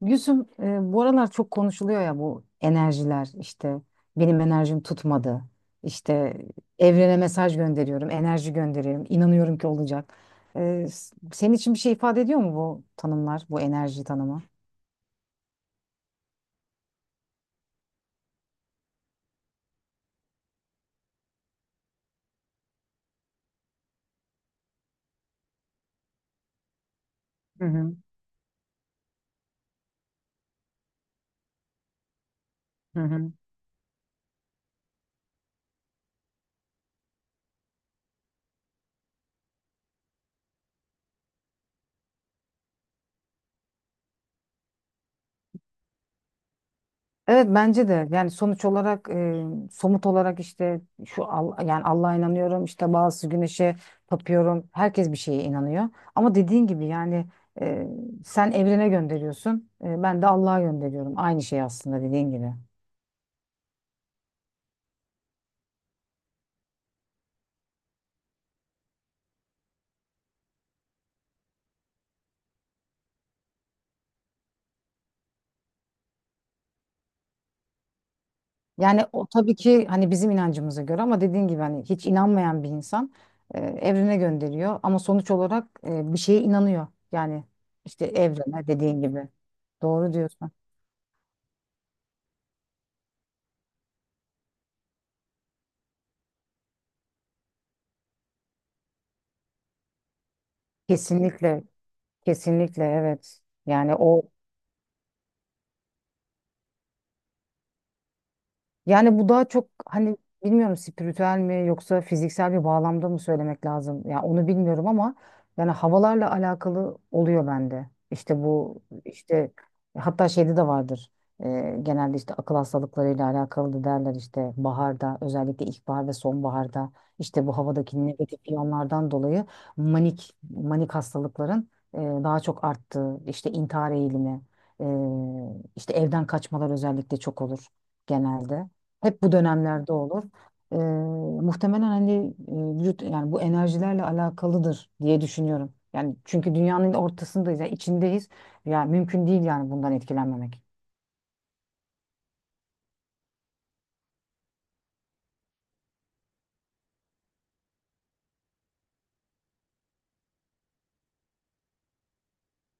Gülsüm, bu aralar çok konuşuluyor ya bu enerjiler işte benim enerjim tutmadı. İşte evrene mesaj gönderiyorum, enerji gönderiyorum, inanıyorum ki olacak. Senin için bir şey ifade ediyor mu bu tanımlar, bu enerji tanımı? Hı hı, hı hı. Evet, bence de yani sonuç olarak somut olarak işte yani Allah'a inanıyorum, işte bazı güneşe tapıyorum, herkes bir şeye inanıyor ama dediğin gibi yani, e, sen evrene gönderiyorsun, ben de Allah'a gönderiyorum, aynı şey aslında dediğin gibi. Yani o tabii ki hani bizim inancımıza göre ama dediğin gibi hani hiç inanmayan bir insan evrene gönderiyor ama sonuç olarak bir şeye inanıyor yani, işte evrene dediğin gibi doğru diyorsun. Kesinlikle. Kesinlikle evet. Yani o Yani bu daha çok hani bilmiyorum, spiritüel mi yoksa fiziksel bir bağlamda mı söylemek lazım? Ya onu bilmiyorum ama yani havalarla alakalı oluyor bende. İşte bu, işte hatta şeyde de vardır. Genelde işte akıl hastalıklarıyla alakalı da derler, işte baharda, özellikle ilkbahar ve sonbaharda işte bu havadaki negatif iyonlardan dolayı manik hastalıkların daha çok arttığı, işte intihar eğilimi, e, işte evden kaçmalar özellikle çok olur genelde. Hep bu dönemlerde olur. Ee, Muhtemelen hani vücut yani bu enerjilerle alakalıdır diye düşünüyorum. Yani çünkü dünyanın ortasındayız, yani içindeyiz. Yani mümkün değil yani bundan etkilenmemek.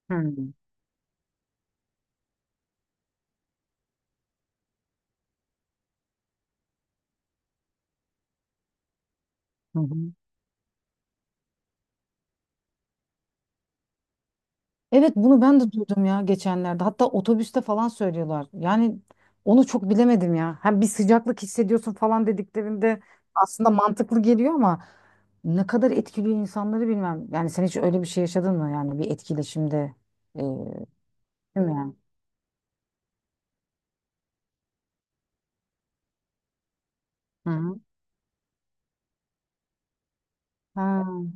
Hmm. Hı hı. Evet, bunu ben de duydum ya geçenlerde. Hatta otobüste falan söylüyorlar. Yani onu çok bilemedim ya. Hem bir sıcaklık hissediyorsun falan dediklerinde aslında mantıklı geliyor ama ne kadar etkiliyor insanları bilmem. Yani sen hiç öyle bir şey yaşadın mı? Yani bir etkileşimde, değil mi? Yani? Hı. Ha.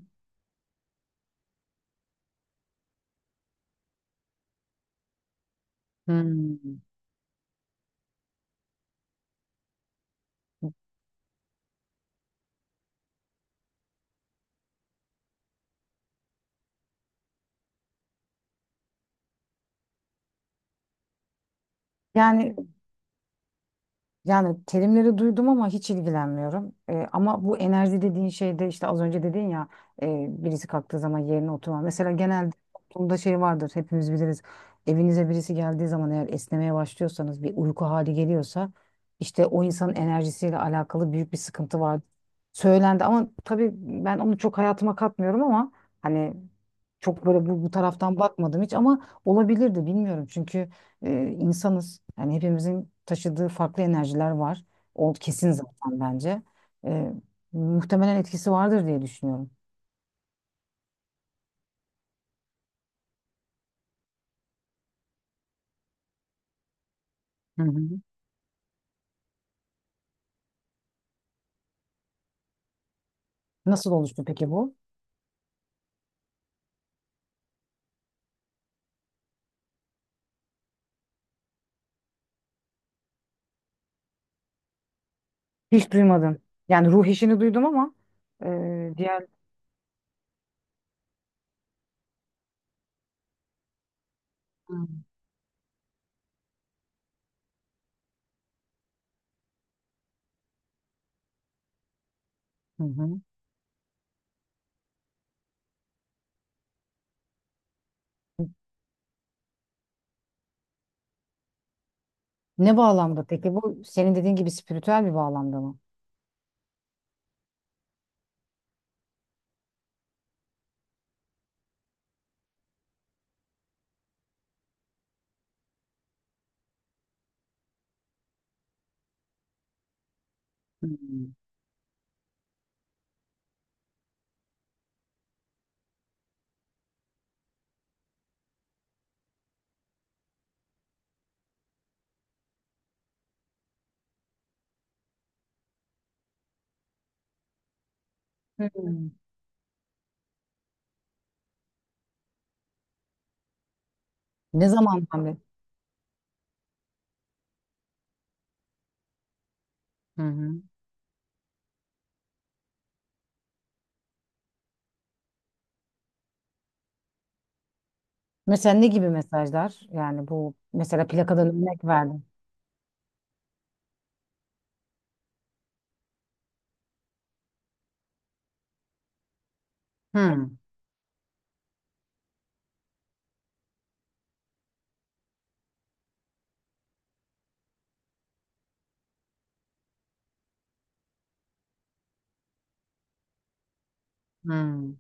Hmm. Yani Yani terimleri duydum ama hiç ilgilenmiyorum. Ama bu enerji dediğin şeyde, işte az önce dedin ya, birisi kalktığı zaman yerine oturma. Mesela genelde toplumda şey vardır, hepimiz biliriz. Evinize birisi geldiği zaman, eğer esnemeye başlıyorsanız, bir uyku hali geliyorsa işte o insanın enerjisiyle alakalı büyük bir sıkıntı var. Söylendi ama tabii ben onu çok hayatıma katmıyorum ama hani çok böyle bu, bu taraftan bakmadım hiç ama olabilirdi, bilmiyorum çünkü. e, insanız. Yani hepimizin taşıdığı farklı enerjiler var. O kesin zaten bence. E, Muhtemelen etkisi vardır diye düşünüyorum. Hı hı. Nasıl oluştu peki bu? Hiç duymadım. Yani ruh işini duydum ama diğer. Hı hı. Hı. Ne bağlamda peki bu? Senin dediğin gibi spiritüel bir bağlamda mı? Hı hı. Ne zamandan beri? Hı. Hı. Mesela ne gibi mesajlar? Yani bu mesela plakadan örnek verdim. Hı. Hı.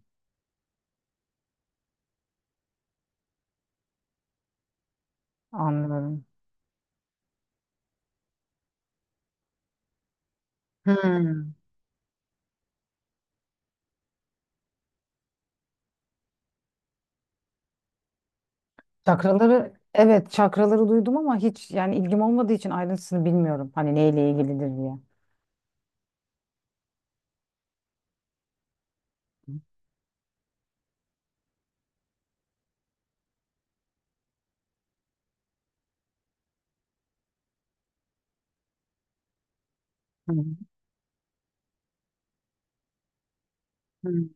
Anlıyorum. Hmm. Çakraları, evet, çakraları duydum ama hiç yani ilgim olmadığı için ayrıntısını bilmiyorum. Hani neyle ilgilidir diye. Hı hı.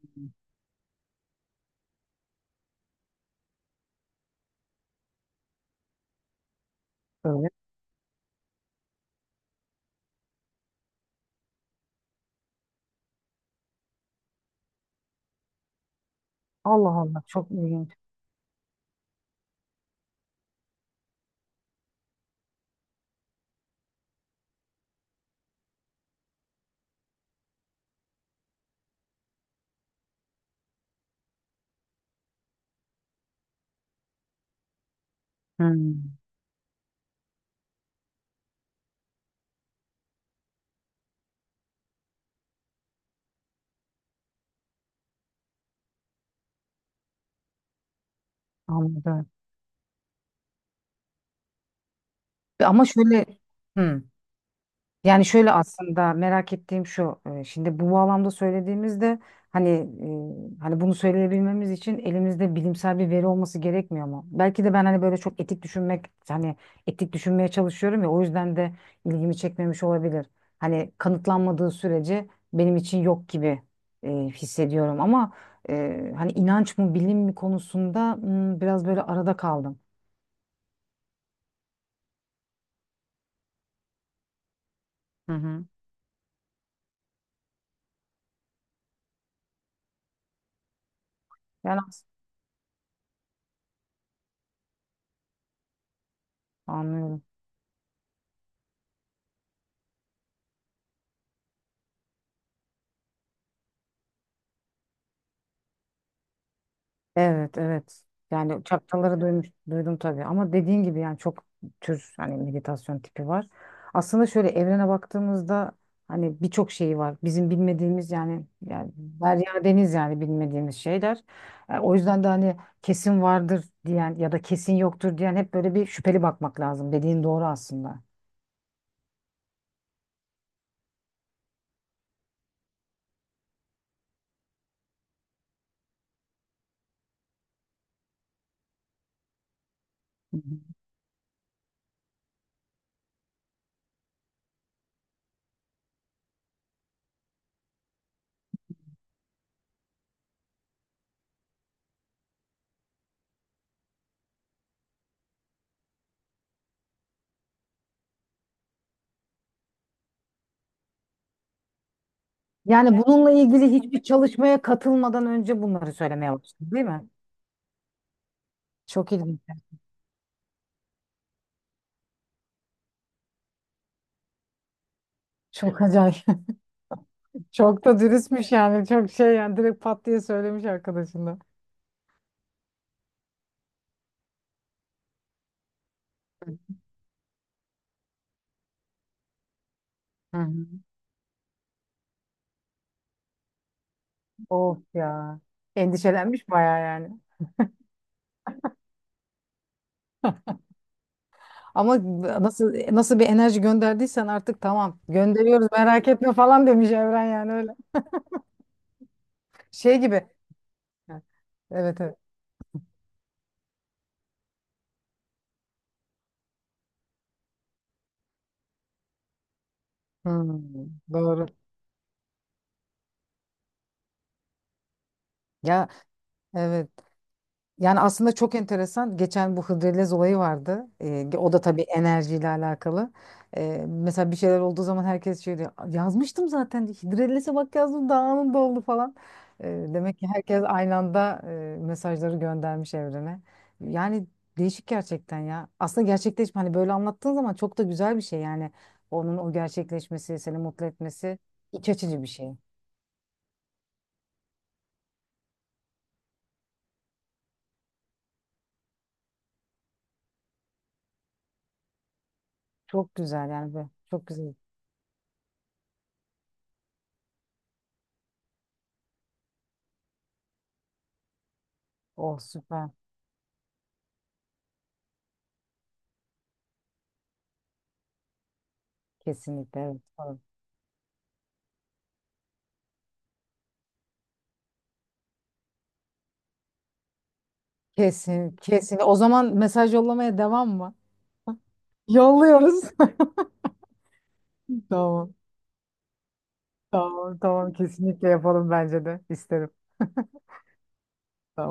Böyle. Allah Allah, çok ilginç. Hmm. Anladım. Ama şöyle. Hı. Yani şöyle, aslında merak ettiğim şu. Şimdi bu bağlamda söylediğimizde hani, hani bunu söyleyebilmemiz için elimizde bilimsel bir veri olması gerekmiyor mu? Belki de ben hani böyle çok etik düşünmek, hani etik düşünmeye çalışıyorum ya, o yüzden de ilgimi çekmemiş olabilir. Hani kanıtlanmadığı sürece benim için yok gibi hissediyorum ama hani inanç mı bilim mi konusunda, hmm, biraz böyle arada kaldım. Hı hı. Yani as- Anlıyorum. Evet, evet. Yani çaktaları duymuş, duydum tabii. Ama dediğin gibi yani çok tür hani meditasyon tipi var. Aslında şöyle, evrene baktığımızda hani birçok şeyi var. Bizim bilmediğimiz, yani yani derya deniz, yani bilmediğimiz şeyler. O yüzden de hani kesin vardır diyen ya da kesin yoktur diyen, hep böyle bir şüpheli bakmak lazım. Dediğin doğru aslında. Hı hı. Yani bununla ilgili hiçbir çalışmaya katılmadan önce bunları söylemeye başladım, değil mi? Çok ilginç. Çok acayip. Çok da dürüstmüş yani. Çok şey yani, direkt pat diye söylemiş arkadaşına. Hı hı. Of ya. Endişelenmiş bayağı yani. Ama nasıl bir enerji gönderdiysen artık, tamam gönderiyoruz, merak etme falan demiş Evren yani, öyle. Şey gibi. Evet, evet. Hmm. Doğru. Ya. Evet. Yani aslında çok enteresan. Geçen bu Hıdrellez olayı vardı. O da tabii enerjiyle alakalı. Mesela bir şeyler olduğu zaman herkes şey diyor. Yazmıştım zaten. Hıdrellez'e bak, yazdım, daha anında oldu falan. Demek ki herkes aynı anda mesajları göndermiş evrene. Yani değişik gerçekten ya. Aslında gerçekleşme, hani böyle anlattığın zaman çok da güzel bir şey yani. Onun o gerçekleşmesi, seni mutlu etmesi iç açıcı bir şey. Çok güzel yani. Çok güzel. Oh, süper. Kesinlikle evet. Kesin, kesin. O zaman mesaj yollamaya devam mı? Yolluyoruz. Tamam, tamam, tamam. Kesinlikle yapalım bence de. İsterim. Tamam.